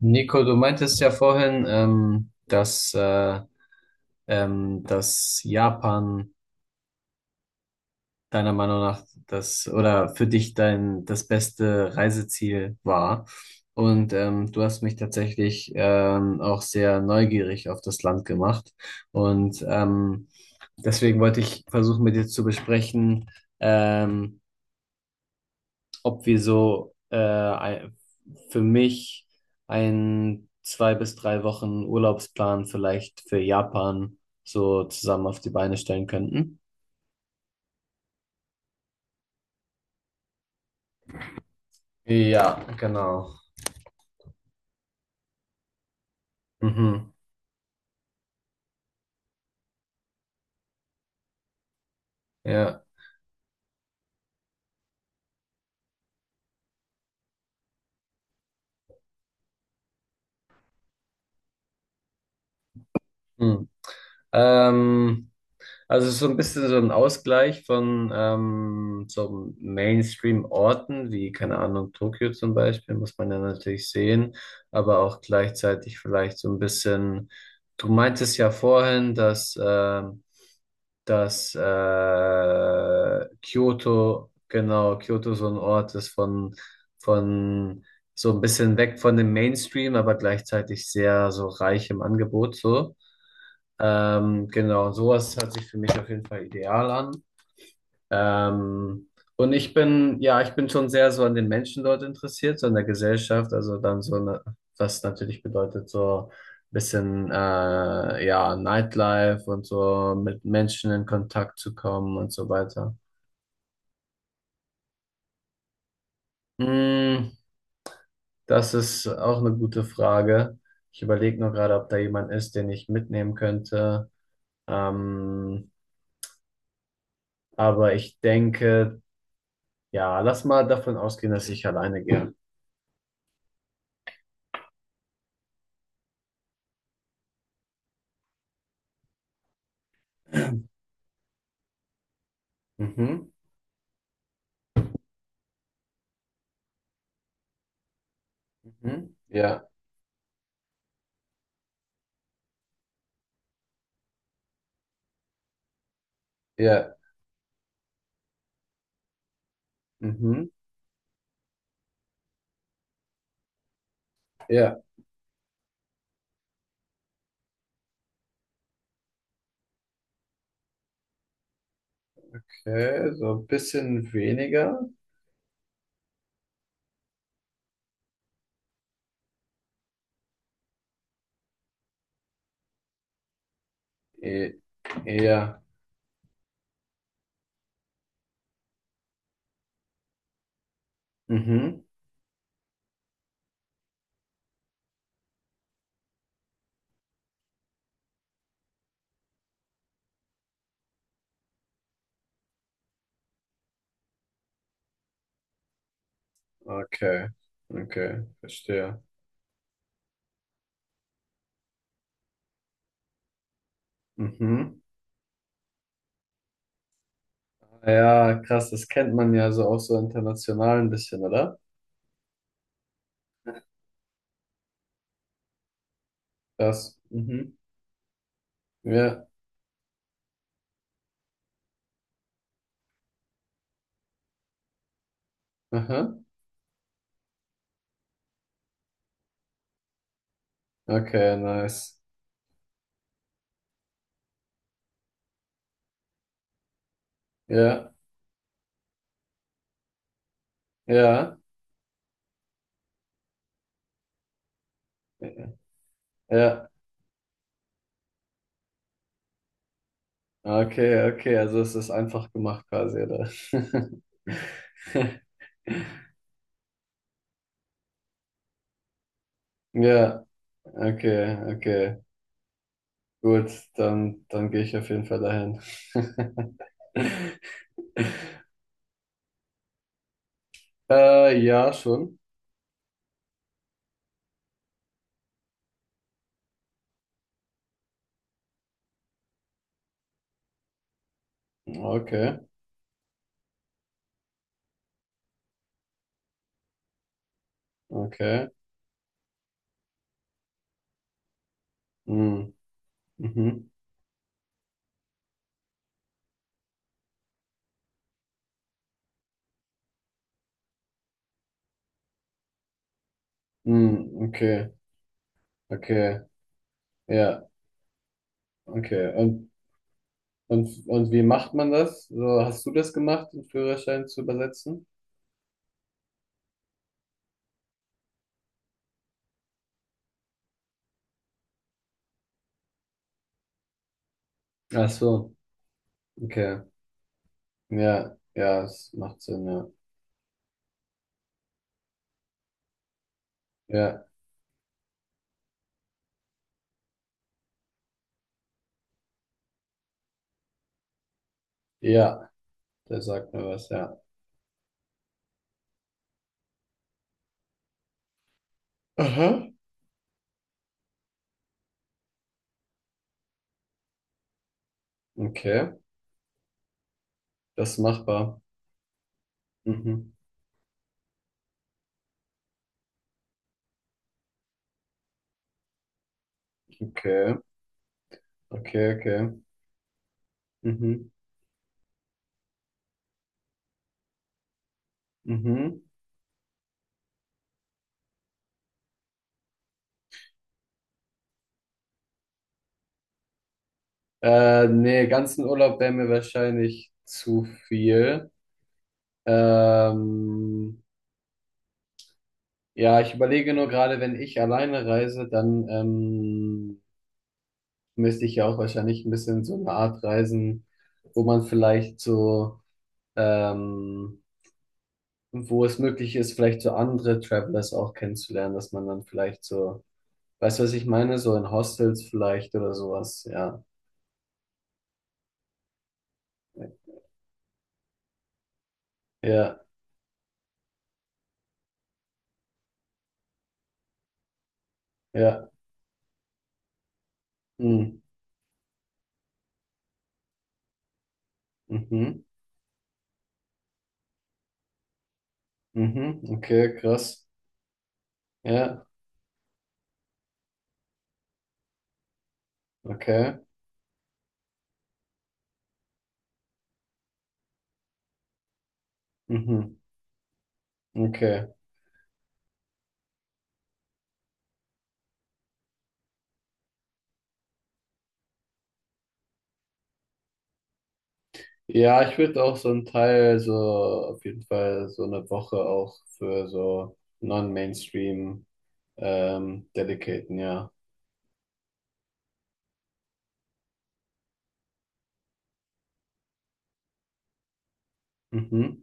Nico, du meintest ja vorhin, dass Japan deiner Meinung nach das oder für dich dein das beste Reiseziel war. Und du hast mich tatsächlich auch sehr neugierig auf das Land gemacht. Und deswegen wollte ich versuchen, mit dir zu besprechen, ähm, ob wir so für mich ein zwei bis drei Wochen Urlaubsplan vielleicht für Japan so zusammen auf die Beine stellen könnten. Ja, genau. Mhm. Ja. Hm. Ähm, also so ein bisschen so ein Ausgleich von so Mainstream-Orten wie, keine Ahnung, Tokio zum Beispiel, muss man ja natürlich sehen, aber auch gleichzeitig vielleicht so ein bisschen, du meintest ja vorhin, dass Kyoto, genau, Kyoto so ein Ort ist von so ein bisschen weg von dem Mainstream, aber gleichzeitig sehr so reich im Angebot so. Genau, sowas hört sich für mich auf jeden Fall ideal an. Ähm, und ich bin, ja, ich bin schon sehr so an den Menschen dort interessiert, so an der Gesellschaft, also dann so, ne, was natürlich bedeutet, so ein bisschen, ja, Nightlife und so mit Menschen in Kontakt zu kommen und so weiter. Mm, das ist auch eine gute Frage. Ich überlege nur gerade, ob da jemand ist, den ich mitnehmen könnte. Ähm, aber ich denke, ja, lass mal davon ausgehen, dass ich alleine gehe. Mhm, mhm, ja, ja. Mhm. Ja, okay. So ein bisschen weniger. E Eher. Mhm. Okay. Okay, verstehe. Mhm. Ja, krass, das kennt man ja so auch so international ein bisschen, oder? Das. Mhm. Ja. Aha. Okay, nice. Ja. Ja. Ja. Okay, okay. Also es ist einfach gemacht quasi, oder? Ja, okay, okay. Gut, dann, dann gehe ich auf jeden Fall dahin. Ja, schon. Okay, okay. Mm, mhm, mm, okay, okay, ja, okay. Und, und wie macht man das? So, hast du das gemacht, den Führerschein zu übersetzen? Ach so, okay. Ja, ja, es macht Sinn, ja. Ja, ja, der sagt mir was, ja. Aha. Okay, das ist machbar. Mhm, okay, okay, okay. Mhm. Mhm. Nee, ganzen Urlaub wäre mir wahrscheinlich zu viel. Ähm, ja, ich überlege nur gerade, wenn ich alleine reise, dann müsste ich ja auch wahrscheinlich ein bisschen so eine Art reisen, wo man vielleicht so, ähm, wo es möglich ist, vielleicht so andere Travelers auch kennenzulernen, dass man dann vielleicht so, weißt du, was ich meine? So in Hostels vielleicht oder sowas, ja. Ja, ja. Mhm. Mhm. Mhm, okay, krass. Ja, okay. Mhm, okay. Ja, ich würde auch so einen Teil, so auf jeden Fall so eine Woche auch für so Non-Mainstream dedicaten, ja. Mhm,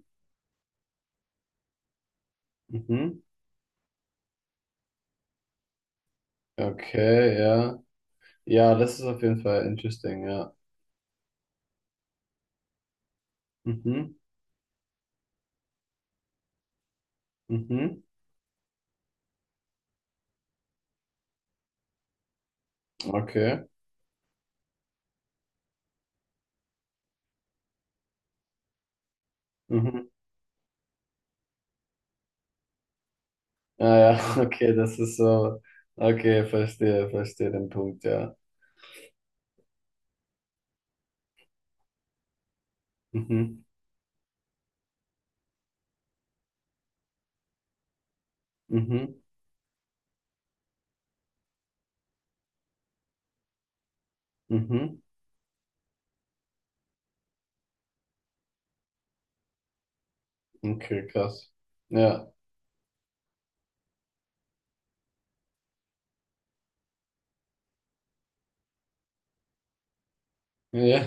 mhm. Okay, ja. Ja, das ist auf jeden Fall interesting, ja. Mhm, mhm. Okay. Mhm. Ah ja, okay, das ist so. Okay, verstehe, verstehe den Punkt, ja. Mhm, mhm, mhm. Okay, krass. Ja. Ja,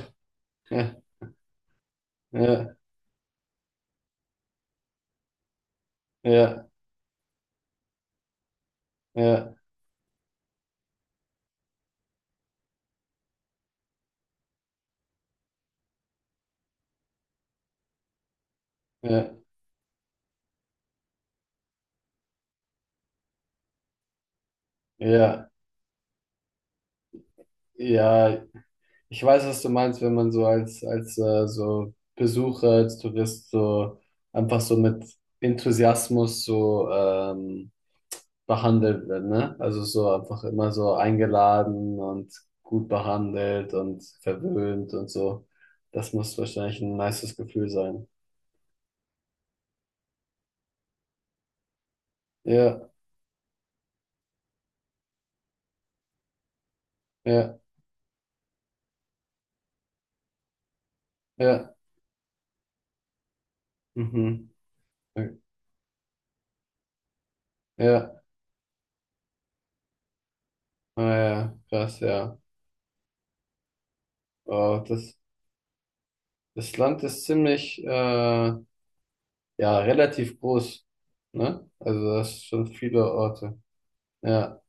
ja, ja, ja, ja, ja, ja, ja. Ja, ich weiß, was du meinst, wenn man so als, als so Besucher, als Tourist so einfach so mit Enthusiasmus so behandelt wird, ne? Also so einfach immer so eingeladen und gut behandelt und verwöhnt und so. Das muss wahrscheinlich ein nices Gefühl sein. Ja, ja, ja, mhm. Ja, ah, ja, ja. Krass, ja. Oh, das. Das Land ist ziemlich, ja, relativ groß, ne? Also das sind viele Orte. Ja.